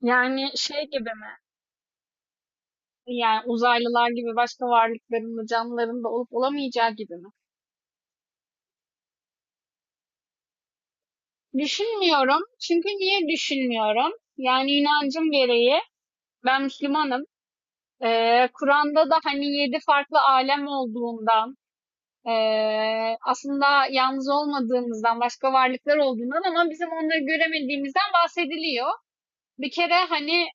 Yani şey gibi mi? Yani uzaylılar gibi başka varlıkların da canlıların da olup olamayacağı gibi mi? Düşünmüyorum. Çünkü niye düşünmüyorum? Yani inancım gereği ben Müslümanım. Kur'an'da da hani yedi farklı alem olduğundan, aslında yalnız olmadığımızdan, başka varlıklar olduğundan ama bizim onları göremediğimizden bahsediliyor. Bir kere hani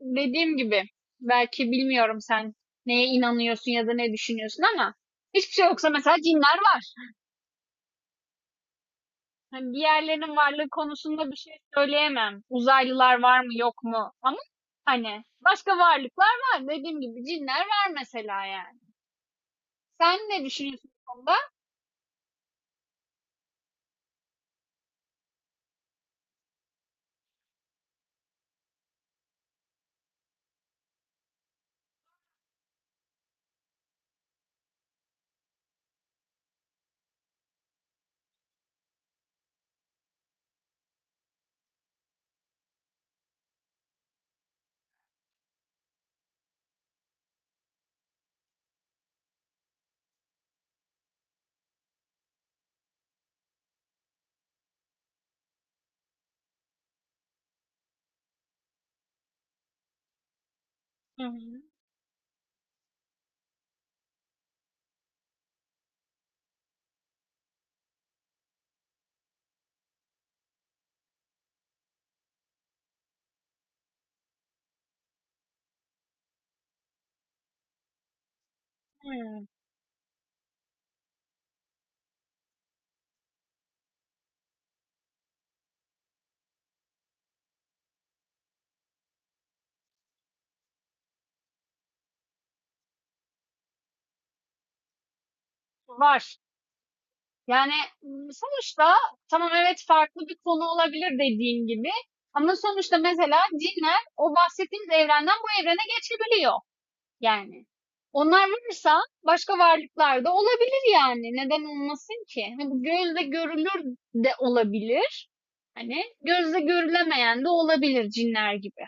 dediğim gibi belki bilmiyorum sen neye inanıyorsun ya da ne düşünüyorsun ama hiçbir şey yoksa mesela cinler var. Hani diğerlerinin varlığı konusunda bir şey söyleyemem. Uzaylılar var mı yok mu ama hani başka varlıklar var. Dediğim gibi cinler var mesela yani. Sen ne düşünüyorsun bu konuda? Hı hı. Hı. Var. Yani, sonuçta tamam, evet, farklı bir konu olabilir dediğin gibi ama sonuçta mesela cinler o bahsettiğimiz evrenden bu evrene geçebiliyor. Yani. Onlar varsa başka varlıklar da olabilir yani. Neden olmasın ki? Hani bu gözle görülür de olabilir. Hani gözle görülemeyen de olabilir cinler gibi.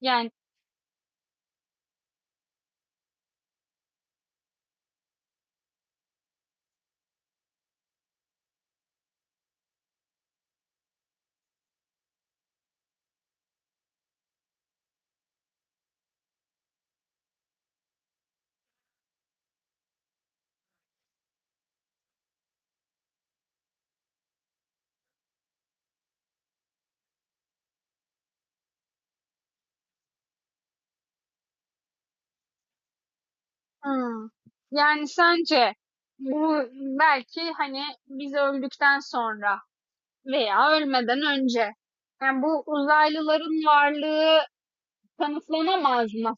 Yani hmm. Yani sence bu belki hani biz öldükten sonra veya ölmeden önce yani bu uzaylıların varlığı kanıtlanamaz mı?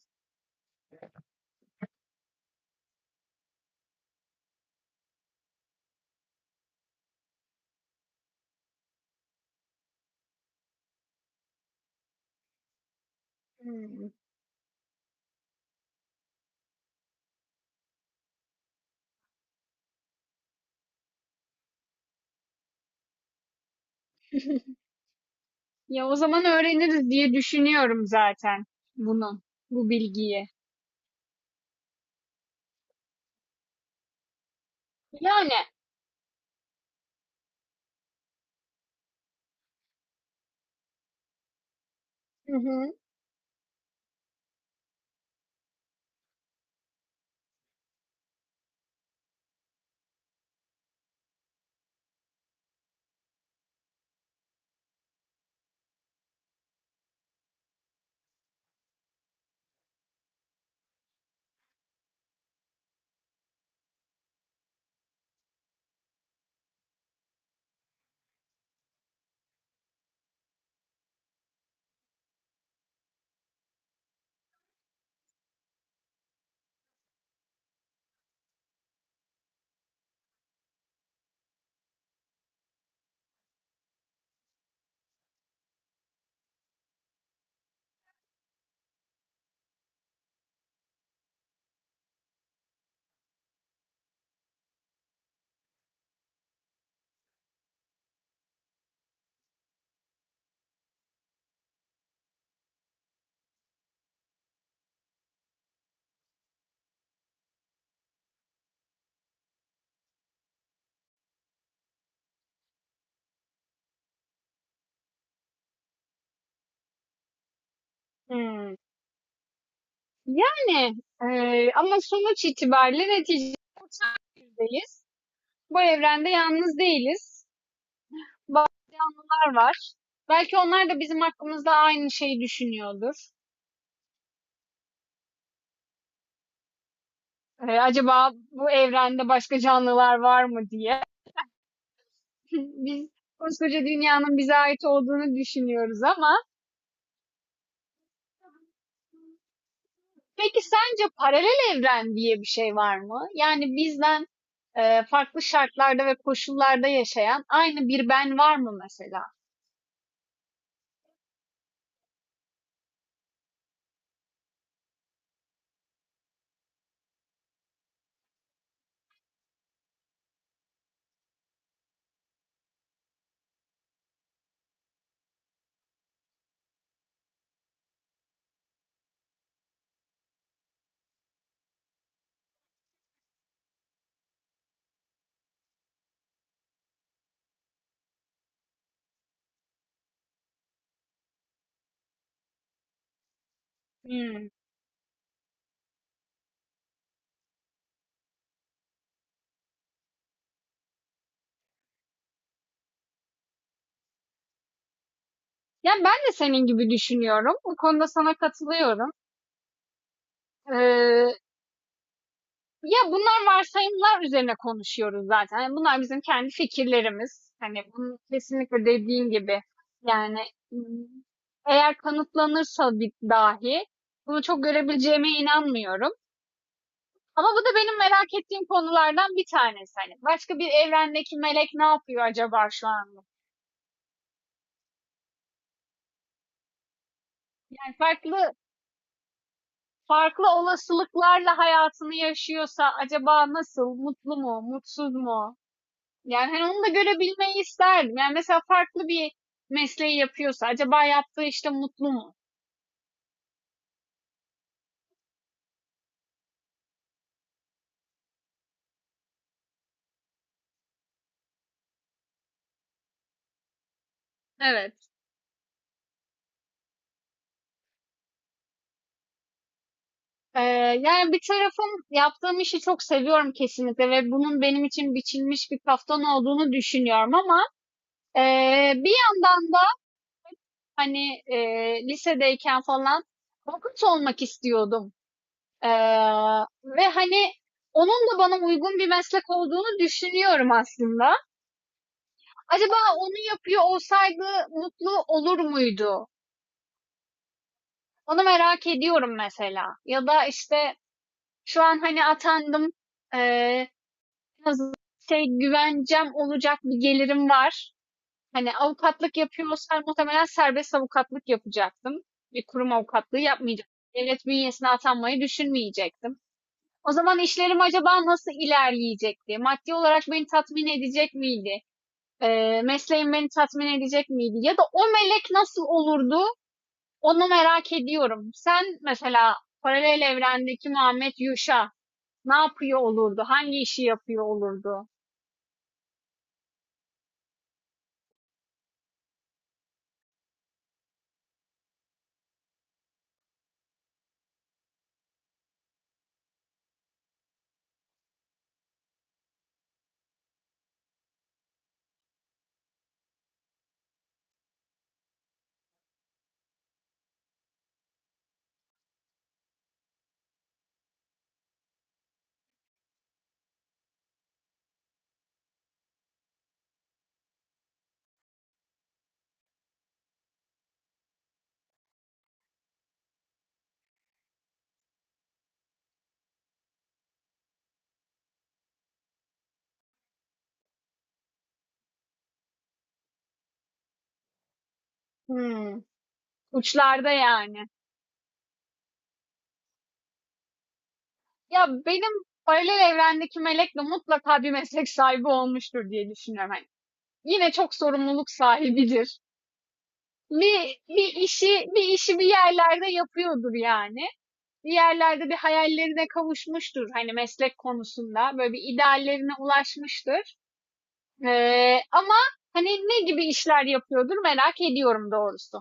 Hmm. Ya o zaman öğreniriz diye düşünüyorum zaten bunu, bu bilgiyi. Yani, hı hı, hımm. Yani, ama sonuç itibariyle neticede uçan birdeyiz. Bu evrende yalnız değiliz. Bazı canlılar var. Belki onlar da bizim hakkımızda aynı şeyi düşünüyordur. Acaba bu evrende başka canlılar var mı diye. Biz koskoca dünyanın bize ait olduğunu düşünüyoruz ama peki sence paralel evren diye bir şey var mı? Yani bizden farklı şartlarda ve koşullarda yaşayan aynı bir ben var mı mesela? Hmm. Yani ben de senin gibi düşünüyorum. Bu konuda sana katılıyorum. Ee, ya bunlar varsayımlar üzerine konuşuyoruz zaten. Yani bunlar bizim kendi fikirlerimiz. Hani bunu kesinlikle dediğin gibi yani, hmm, eğer kanıtlanırsa bir dahi bunu çok görebileceğime inanmıyorum. Ama bu da benim merak ettiğim konulardan bir tanesi. Hani başka bir evrendeki melek ne yapıyor acaba şu anda? Yani farklı farklı olasılıklarla hayatını yaşıyorsa acaba nasıl? Mutlu mu? Mutsuz mu? Yani hani onu da görebilmeyi isterdim. Yani mesela farklı bir mesleği yapıyorsa acaba yaptığı işte mutlu mu? Evet. Ee, yani bir tarafım yaptığım işi çok seviyorum kesinlikle ve bunun benim için biçilmiş bir kaftan olduğunu düşünüyorum ama bir yandan da hani, lisedeyken falan avukat olmak istiyordum. Eee, ve hani onun da bana uygun bir meslek olduğunu düşünüyorum aslında. Acaba onu yapıyor olsaydı mutlu olur muydu? Onu merak ediyorum mesela. Ya da işte şu an hani atandım, eee, şey güvencem olacak bir gelirim var. Hani avukatlık yapıyorsan muhtemelen serbest avukatlık yapacaktım. Bir kurum avukatlığı yapmayacaktım. Devlet bünyesine atanmayı düşünmeyecektim. O zaman işlerim acaba nasıl ilerleyecekti? Maddi olarak beni tatmin edecek miydi? Mesleğim beni tatmin edecek miydi? Ya da o melek nasıl olurdu? Onu merak ediyorum. Sen mesela paralel evrendeki Muhammed Yuşa ne yapıyor olurdu? Hangi işi yapıyor olurdu? Hmm, uçlarda yani. Ya benim paralel evrendeki melekle mutlaka bir meslek sahibi olmuştur diye düşünüyorum. Hani yine çok sorumluluk sahibidir. Bir işi bir işi bir yerlerde yapıyordur yani. Bir yerlerde bir hayallerine kavuşmuştur hani meslek konusunda. Böyle bir ideallerine ulaşmıştır. Ama hani ne gibi işler yapıyordur merak ediyorum doğrusu.